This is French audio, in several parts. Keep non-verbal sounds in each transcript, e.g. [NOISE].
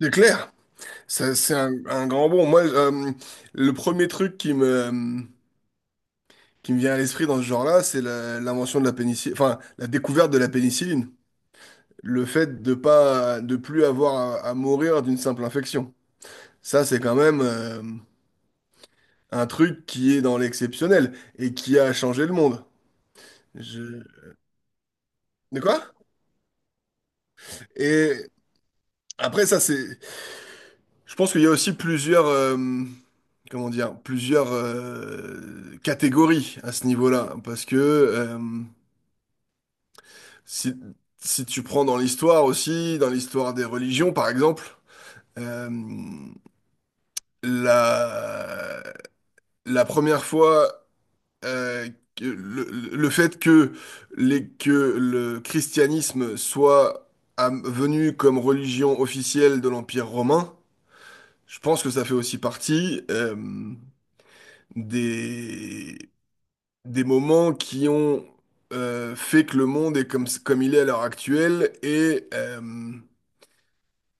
C'est clair. Ça, c'est un grand bon. Moi, le premier truc qui me vient à l'esprit dans ce genre-là, c'est l'invention de la pénicilline, enfin, la découverte de la pénicilline. Le fait de pas, de plus avoir à mourir d'une simple infection. Ça, c'est quand même un truc qui est dans l'exceptionnel et qui a changé le monde. Je... De quoi? Et après, ça, c'est Je pense qu'il y a aussi plusieurs, comment dire, plusieurs catégories à ce niveau-là, parce que si, si tu prends dans l'histoire aussi, dans l'histoire des religions par exemple, euh, la, la première fois, euh, que le fait que, les, que le christianisme soit venu comme religion officielle de l'Empire romain, je pense que ça fait aussi partie, des, des moments qui ont fait que le monde est comme il est à l'heure actuelle et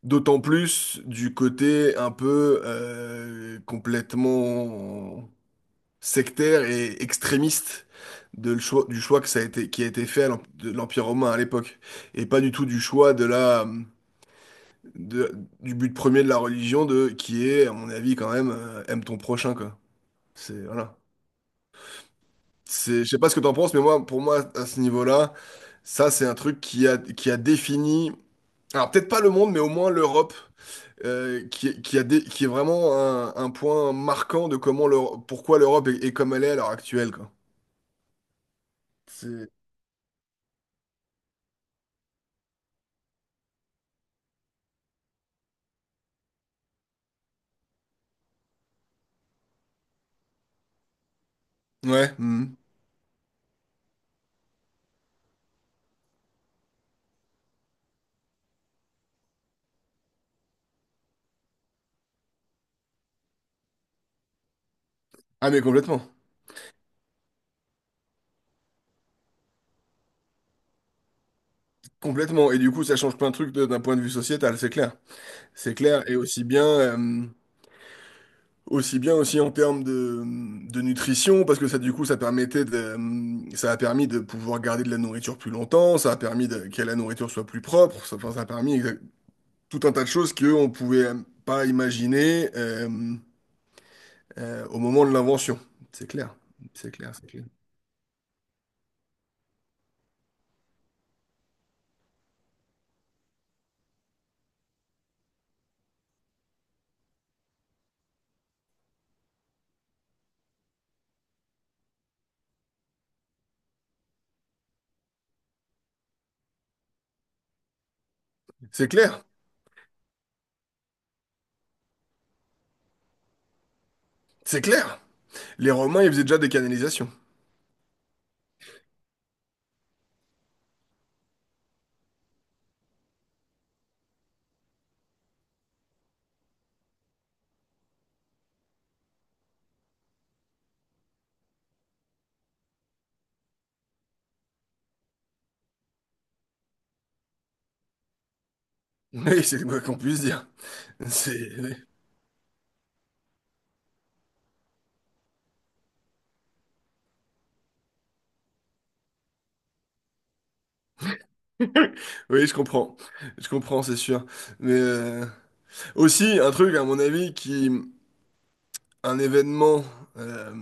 d'autant plus du côté un peu complètement sectaire et extrémiste du choix que ça a été, qui a été fait à de l'Empire romain à l'époque et pas du tout du choix de- du but premier de la religion de qui est à mon avis quand même aime ton prochain, quoi, c'est voilà. Je sais pas ce que t'en penses, mais moi, pour moi, à ce niveau-là, ça, c'est un truc qui a défini, alors peut-être pas le monde, mais au moins l'Europe, qui est vraiment un point marquant de comment pourquoi l'Europe est comme elle est à l'heure actuelle, quoi. C'est- Ouais. Mhm. Ah, mais complètement. Complètement. Et du coup, ça change plein de trucs d'un point de vue sociétal, c'est clair. C'est clair. Et aussi bien. Aussi bien aussi en termes de nutrition, parce que ça, du coup, ça a permis de pouvoir garder de la nourriture plus longtemps, ça a permis que la nourriture soit plus propre, ça, enfin, ça a permis tout un tas de choses qu'on pouvait pas imaginer au moment de l'invention. C'est clair, c'est clair, c'est clair. C'est clair, c'est clair. Les Romains, ils faisaient déjà des canalisations. [LAUGHS] Oui, c'est quoi qu'on puisse dire. C'est... Oui, je comprends. Je comprends, c'est sûr. Mais aussi, un truc, à mon avis, un événement euh,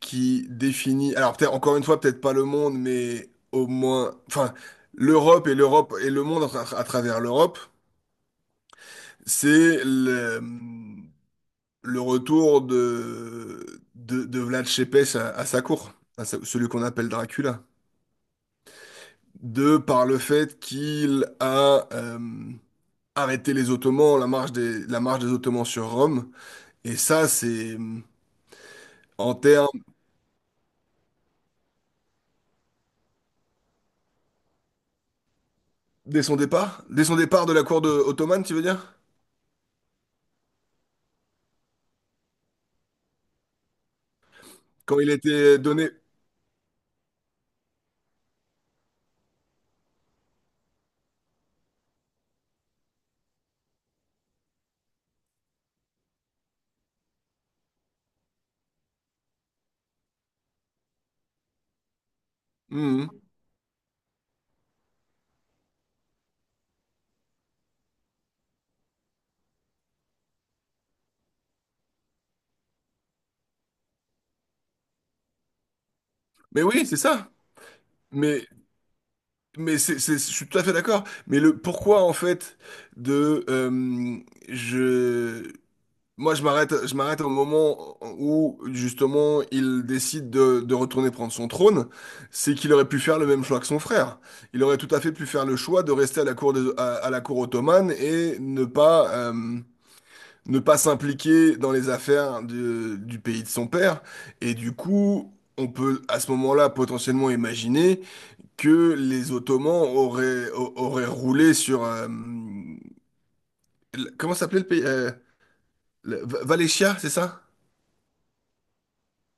qui définit, alors peut-être encore une fois, peut-être pas le monde, mais au moins, enfin, l'Europe et le monde à travers l'Europe, c'est le retour de Vlad Tepes à sa cour, celui qu'on appelle Dracula, de par le fait qu'il a arrêté les Ottomans, la marche des Ottomans sur Rome, et ça, c'est en termes Dès son départ? Dès son départ de la cour de ottomane, tu veux dire? Quand il a été donné. Mhm. Mais oui, c'est ça. Mais, mais je suis tout à fait d'accord. Mais le pourquoi, en fait, de. Je. Moi, je m'arrête au moment où, justement, il décide de retourner prendre son trône. C'est qu'il aurait pu faire le même choix que son frère. Il aurait tout à fait pu faire le choix de rester à la cour, à la cour ottomane et ne pas s'impliquer dans les affaires du pays de son père. Et du coup, on, peut à ce moment-là potentiellement imaginer que les Ottomans auraient roulé sur, comment s'appelait le pays? Valéchia, c'est ça?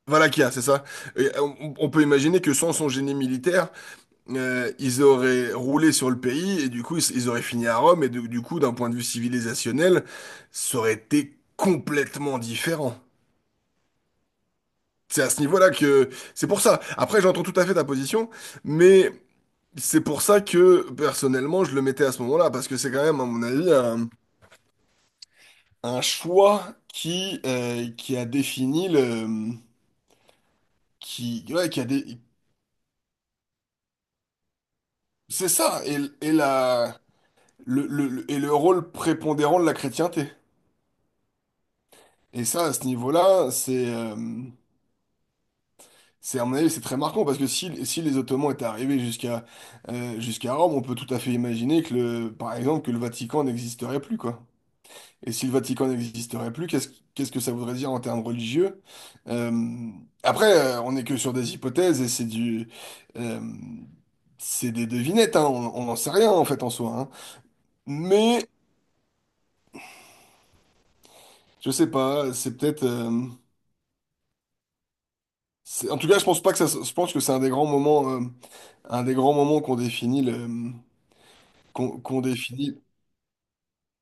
Valaquia, c'est ça. Et on peut imaginer que sans son génie militaire, ils auraient roulé sur le pays et du coup, ils auraient fini à Rome. Et du coup, d'un point de vue civilisationnel, ça aurait été complètement différent. C'est à ce niveau-là que c'est pour ça. Après, j'entends tout à fait ta position, mais c'est pour ça que personnellement, je le mettais à ce moment-là parce que c'est quand même, à mon avis, un choix qui a défini le, qui, ouais, c'est ça et la, et le rôle prépondérant de la chrétienté. Et ça, à ce niveau-là, à mon avis, c'est très marquant parce que si les Ottomans étaient arrivés jusqu'à Rome, on peut tout à fait imaginer par exemple, que le Vatican n'existerait plus, quoi. Et si le Vatican n'existerait plus, qu'est-ce que ça voudrait dire en termes religieux? Euh, après, on n'est que sur des hypothèses et euh, c'est des devinettes, hein, on n'en sait rien en fait en soi, hein. Mais je sais pas, en tout cas, je pense pas que ça. Se- je pense que c'est un des grands moments qu'on définit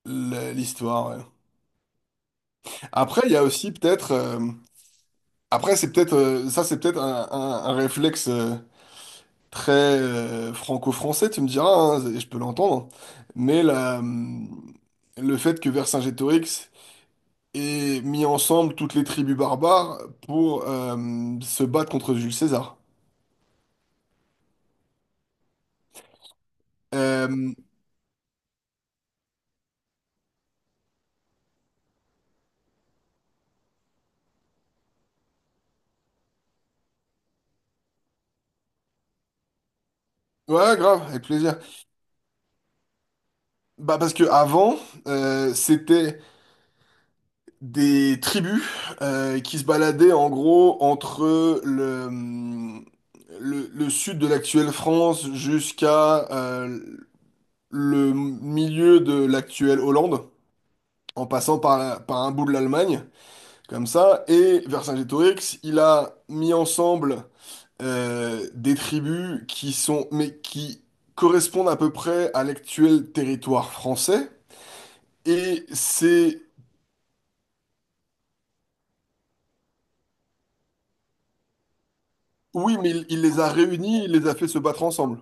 l'histoire. Ouais. Après, il y a aussi peut-être. Après, c'est peut-être ça, c'est peut-être un réflexe très franco-français. Tu me diras, hein, je peux l'entendre. Mais le fait que Vercingétorix ait mis ensemble toutes les tribus barbares pour se battre contre Jules César. Euh, ouais, grave, avec plaisir. Bah parce que avant, c'était des tribus qui se baladaient en gros entre le sud de l'actuelle France jusqu'à le milieu de l'actuelle Hollande, en passant par, par un bout de l'Allemagne, comme ça, et Vercingétorix, il a mis ensemble des tribus mais qui correspondent à peu près à l'actuel territoire français, et c'est, oui, mais il les a réunis, il les a fait se battre ensemble.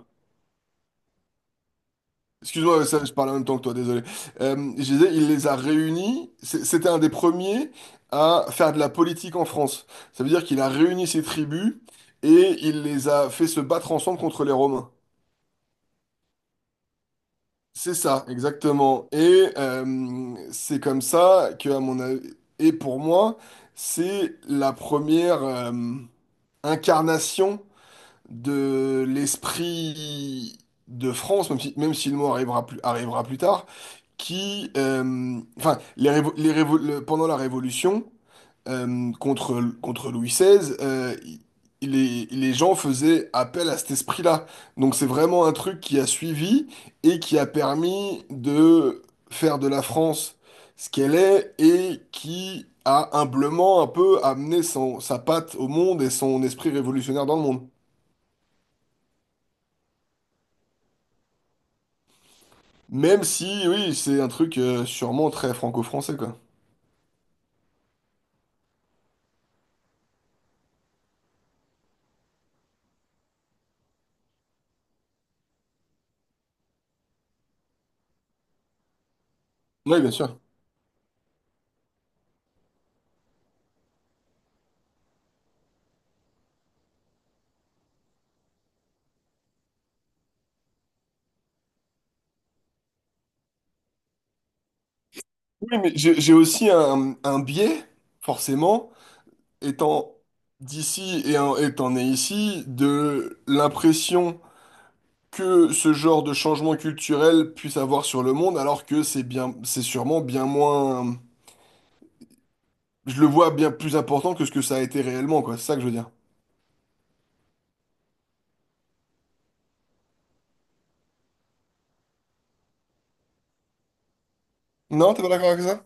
Excuse-moi, ça, je parle en même temps que toi, désolé. Je disais, il les a réunis. C'était un des premiers à faire de la politique en France. Ça veut dire qu'il a réuni ses tribus et il les a fait se battre ensemble contre les Romains. C'est ça, exactement. Et c'est comme ça que, à mon avis, et pour moi, c'est la première incarnation de l'esprit de France, même si, le mot arrivera plus tard. Enfin, pendant la Révolution, contre Louis XVI, les gens faisaient appel à cet esprit-là. Donc c'est vraiment un truc qui a suivi et qui a permis de faire de la France ce qu'elle est et qui a humblement un peu amené sa patte au monde et son esprit révolutionnaire dans le monde. Même si, oui, c'est un truc sûrement très franco-français, quoi. Oui, bien sûr. Oui, mais j'ai aussi un biais, forcément, étant d'ici et étant né ici, de l'impression que ce genre de changement culturel puisse avoir sur le monde, alors que c'est sûrement bien moins, je le vois bien plus important que ce que ça a été réellement, quoi. C'est ça que je veux dire. Non, t'es pas d'accord avec ça?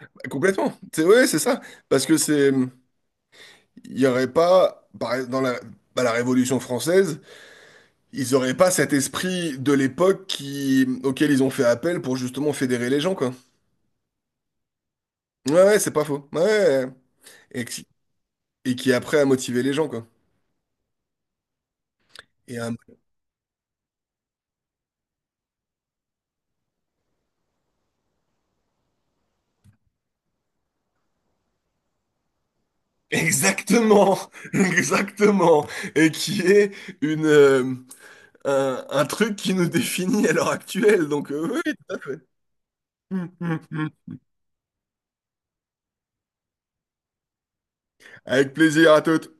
Bah, complètement. C'est ouais, c'est ça. Parce que il y aurait pas, bah, la Révolution française. Ils auraient pas cet esprit de l'époque auquel ils ont fait appel pour justement fédérer les gens, quoi. Ouais, ouais, c'est pas faux. Ouais, ouais. Ouais. Et, qui- et qui après a motivé les gens, quoi. Et un- [LAUGHS] Exactement, [LAUGHS] exactement. Et qui est une, euh, un truc qui nous définit à l'heure actuelle. Donc, oui. [LAUGHS] Avec plaisir à toutes.